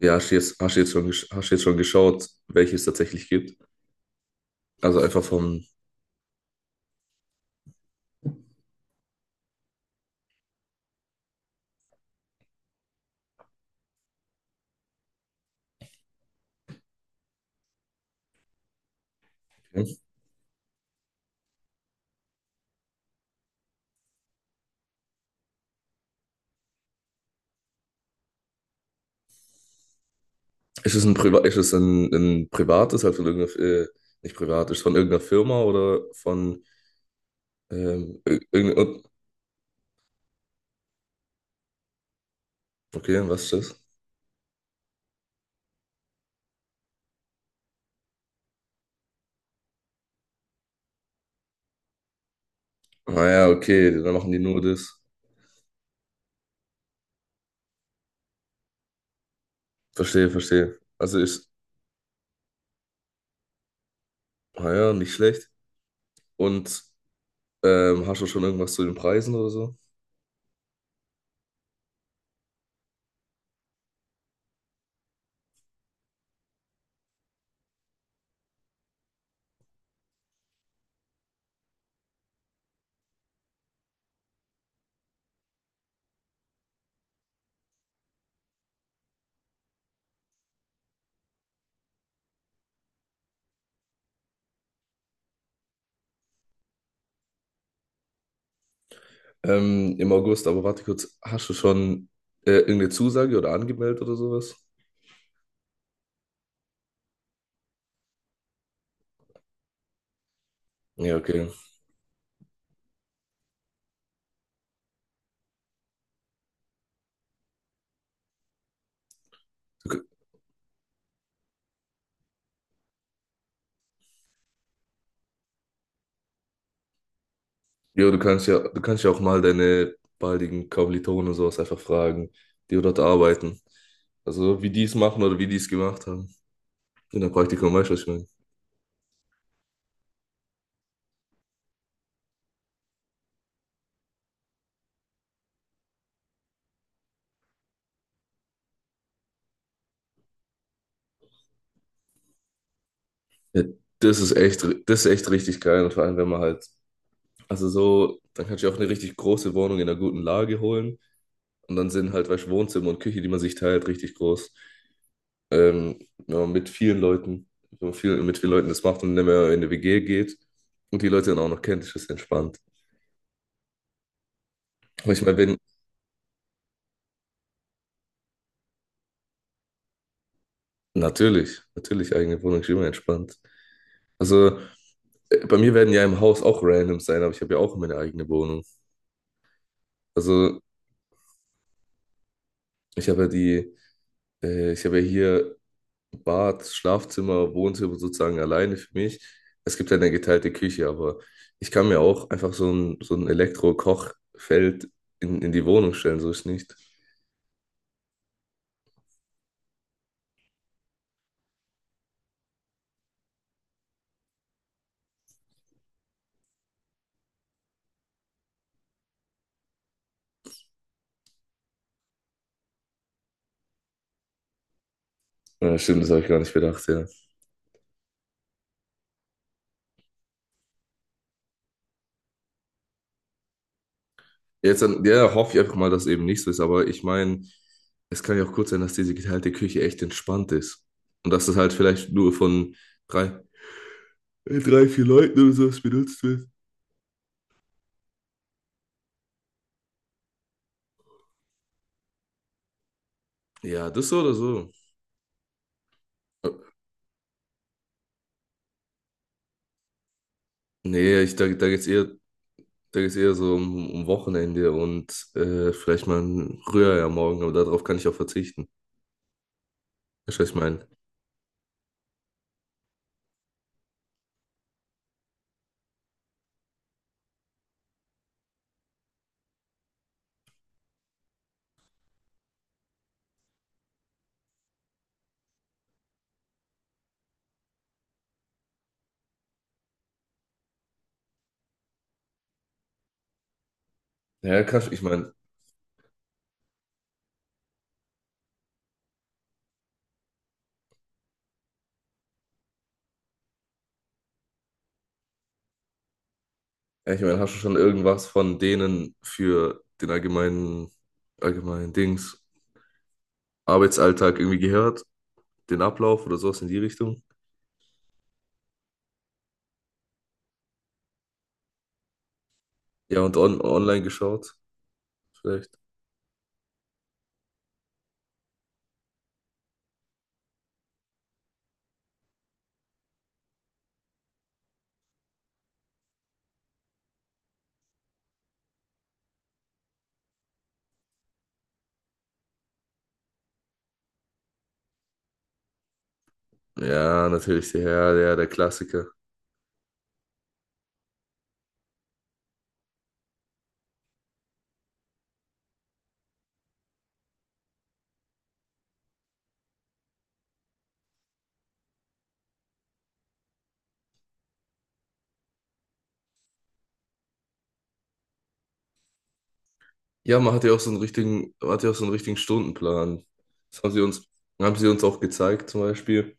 Ja, hast du jetzt schon, hast du jetzt schon geschaut, welche es tatsächlich gibt? Also einfach vom. Okay. Ist es ein, Priva ist es ein privates, halt von irgendeiner, nicht privat, ist es von irgendeiner Firma oder von irgendeiner. Okay, was ist das? Ah ja, okay, dann machen die nur das. Verstehe, verstehe. Also ist, ah ja, nicht schlecht. Und hast du schon irgendwas zu den Preisen oder so? Im August, aber warte kurz, hast du schon irgendeine Zusage oder angemeldet oder sowas? Ja, okay. Jo, du kannst ja auch mal deine baldigen Kommilitonen und sowas einfach fragen, die dort arbeiten. Also wie die es machen oder wie die es gemacht haben. In der Praktikum, weißt du, was ich meine? Ja, das ist echt richtig geil. Und vor allem, wenn man halt, also so, dann kannst du ja auch eine richtig große Wohnung in einer guten Lage holen. Und dann sind halt, weißt du, Wohnzimmer und Küche, die man sich teilt, richtig groß. Wenn man mit vielen Leuten, wenn man viel, mit vielen Leuten das macht und nicht mehr in eine WG geht und die Leute dann auch noch kennt, ist das entspannt. Aber ich meine, wenn, natürlich, natürlich eigene Wohnung ist immer entspannt. Also bei mir werden ja im Haus auch random sein, aber ich habe ja auch meine eigene Wohnung. Also ich habe ja die, ich habe ja hier Bad, Schlafzimmer, Wohnzimmer sozusagen alleine für mich. Es gibt ja eine geteilte Küche, aber ich kann mir auch einfach so ein Elektro-Kochfeld in die Wohnung stellen, so ist nicht. Ja, stimmt, das habe ich gar nicht bedacht, ja. Jetzt dann, ja, hoffe ich einfach mal, dass eben nicht so ist, aber ich meine, es kann ja auch kurz sein, dass diese geteilte Küche echt entspannt ist. Und dass es halt vielleicht nur von drei, drei, vier Leuten oder sowas benutzt wird. Ja, das so oder so. Äh, Nee, ich, da geht's eher so um, um Wochenende und vielleicht mal ein Rührei am Morgen, aber darauf kann ich auch verzichten. Weißt du, was ich meine? Ja, kannst, ich meine, ja, ich meine, hast du schon irgendwas von denen für den allgemeinen, allgemeinen Dings, Arbeitsalltag irgendwie gehört? Den Ablauf oder sowas in die Richtung. Ja, und on online geschaut, vielleicht. Ja, natürlich, ja, der Klassiker. Ja, man hat ja auch so einen richtigen Stundenplan. Das haben sie uns auch gezeigt, zum Beispiel.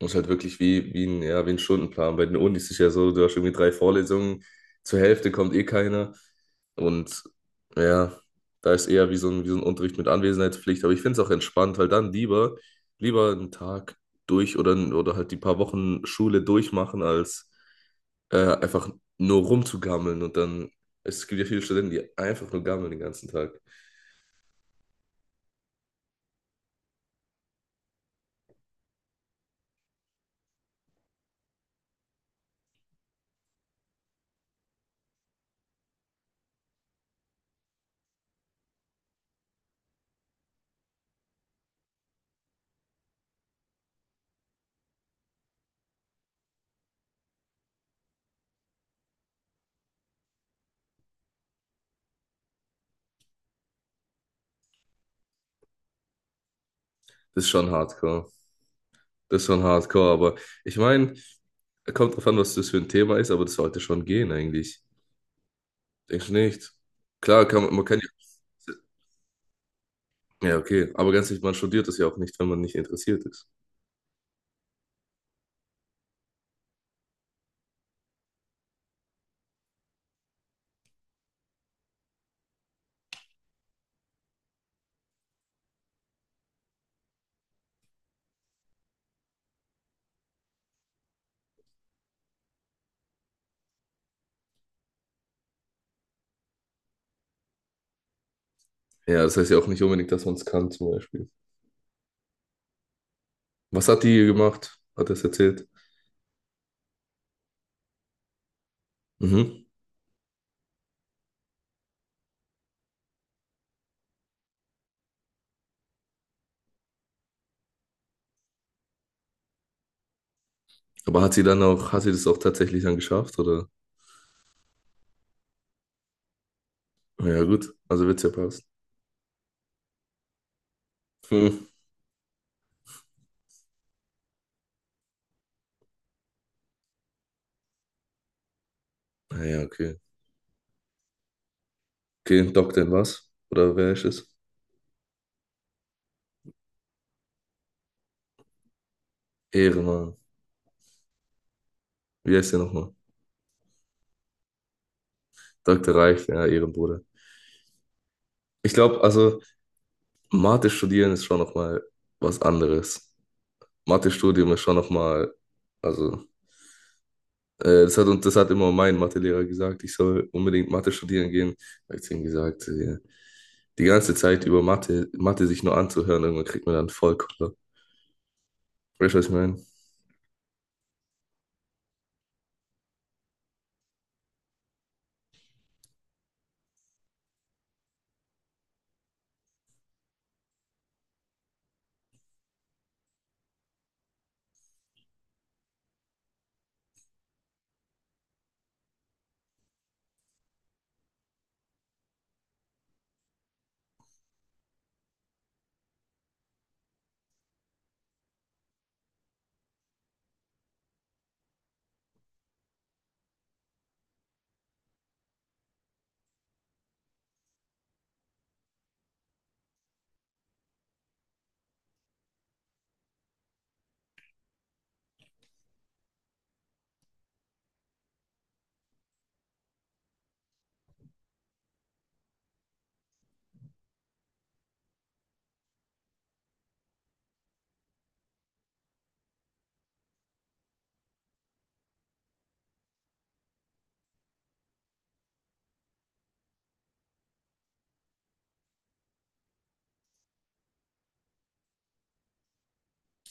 Muss halt wirklich wie, wie ein, ja, wie ein Stundenplan. Bei den Unis ist es ja so, du hast irgendwie drei Vorlesungen, zur Hälfte kommt eh keiner. Und ja, da ist eher wie wie so ein Unterricht mit Anwesenheitspflicht. Aber ich finde es auch entspannt, weil dann lieber einen Tag durch oder halt die paar Wochen Schule durchmachen, als einfach nur rumzugammeln. Und dann, es gibt ja viele Studenten, die einfach nur gammeln den ganzen Tag. Das ist schon hardcore. Das ist schon hardcore. Aber ich meine. Kommt drauf an, was das für ein Thema ist, aber das sollte schon gehen eigentlich. Denkst du nicht? Klar, kann, man kann ja. Ja, okay. Aber ganz ehrlich, man studiert das ja auch nicht, wenn man nicht interessiert ist. Ja, das heißt ja auch nicht unbedingt, dass man es kann, zum Beispiel. Was hat die gemacht? Hat er es erzählt? Mhm. Aber hat sie dann auch, hat sie das auch tatsächlich dann geschafft, oder? Ja, gut. Also wird's ja passen. Hm. Naja, okay. Okay, Doktor in was? Oder wer ist es? Ehrenmann. Wie heißt der nochmal? Dr. Reif, ja, Ehrenbruder. Ich glaube, also Mathe studieren ist schon nochmal was anderes. Mathe-Studium ist schon nochmal, also, das hat, und das hat immer mein Mathelehrer gesagt, ich soll unbedingt Mathe studieren gehen. Da habe ich zu ihm gesagt, die ganze Zeit über Mathe, Mathe sich nur anzuhören, irgendwann kriegt man dann voll Koller. Weißt du, was ich meine?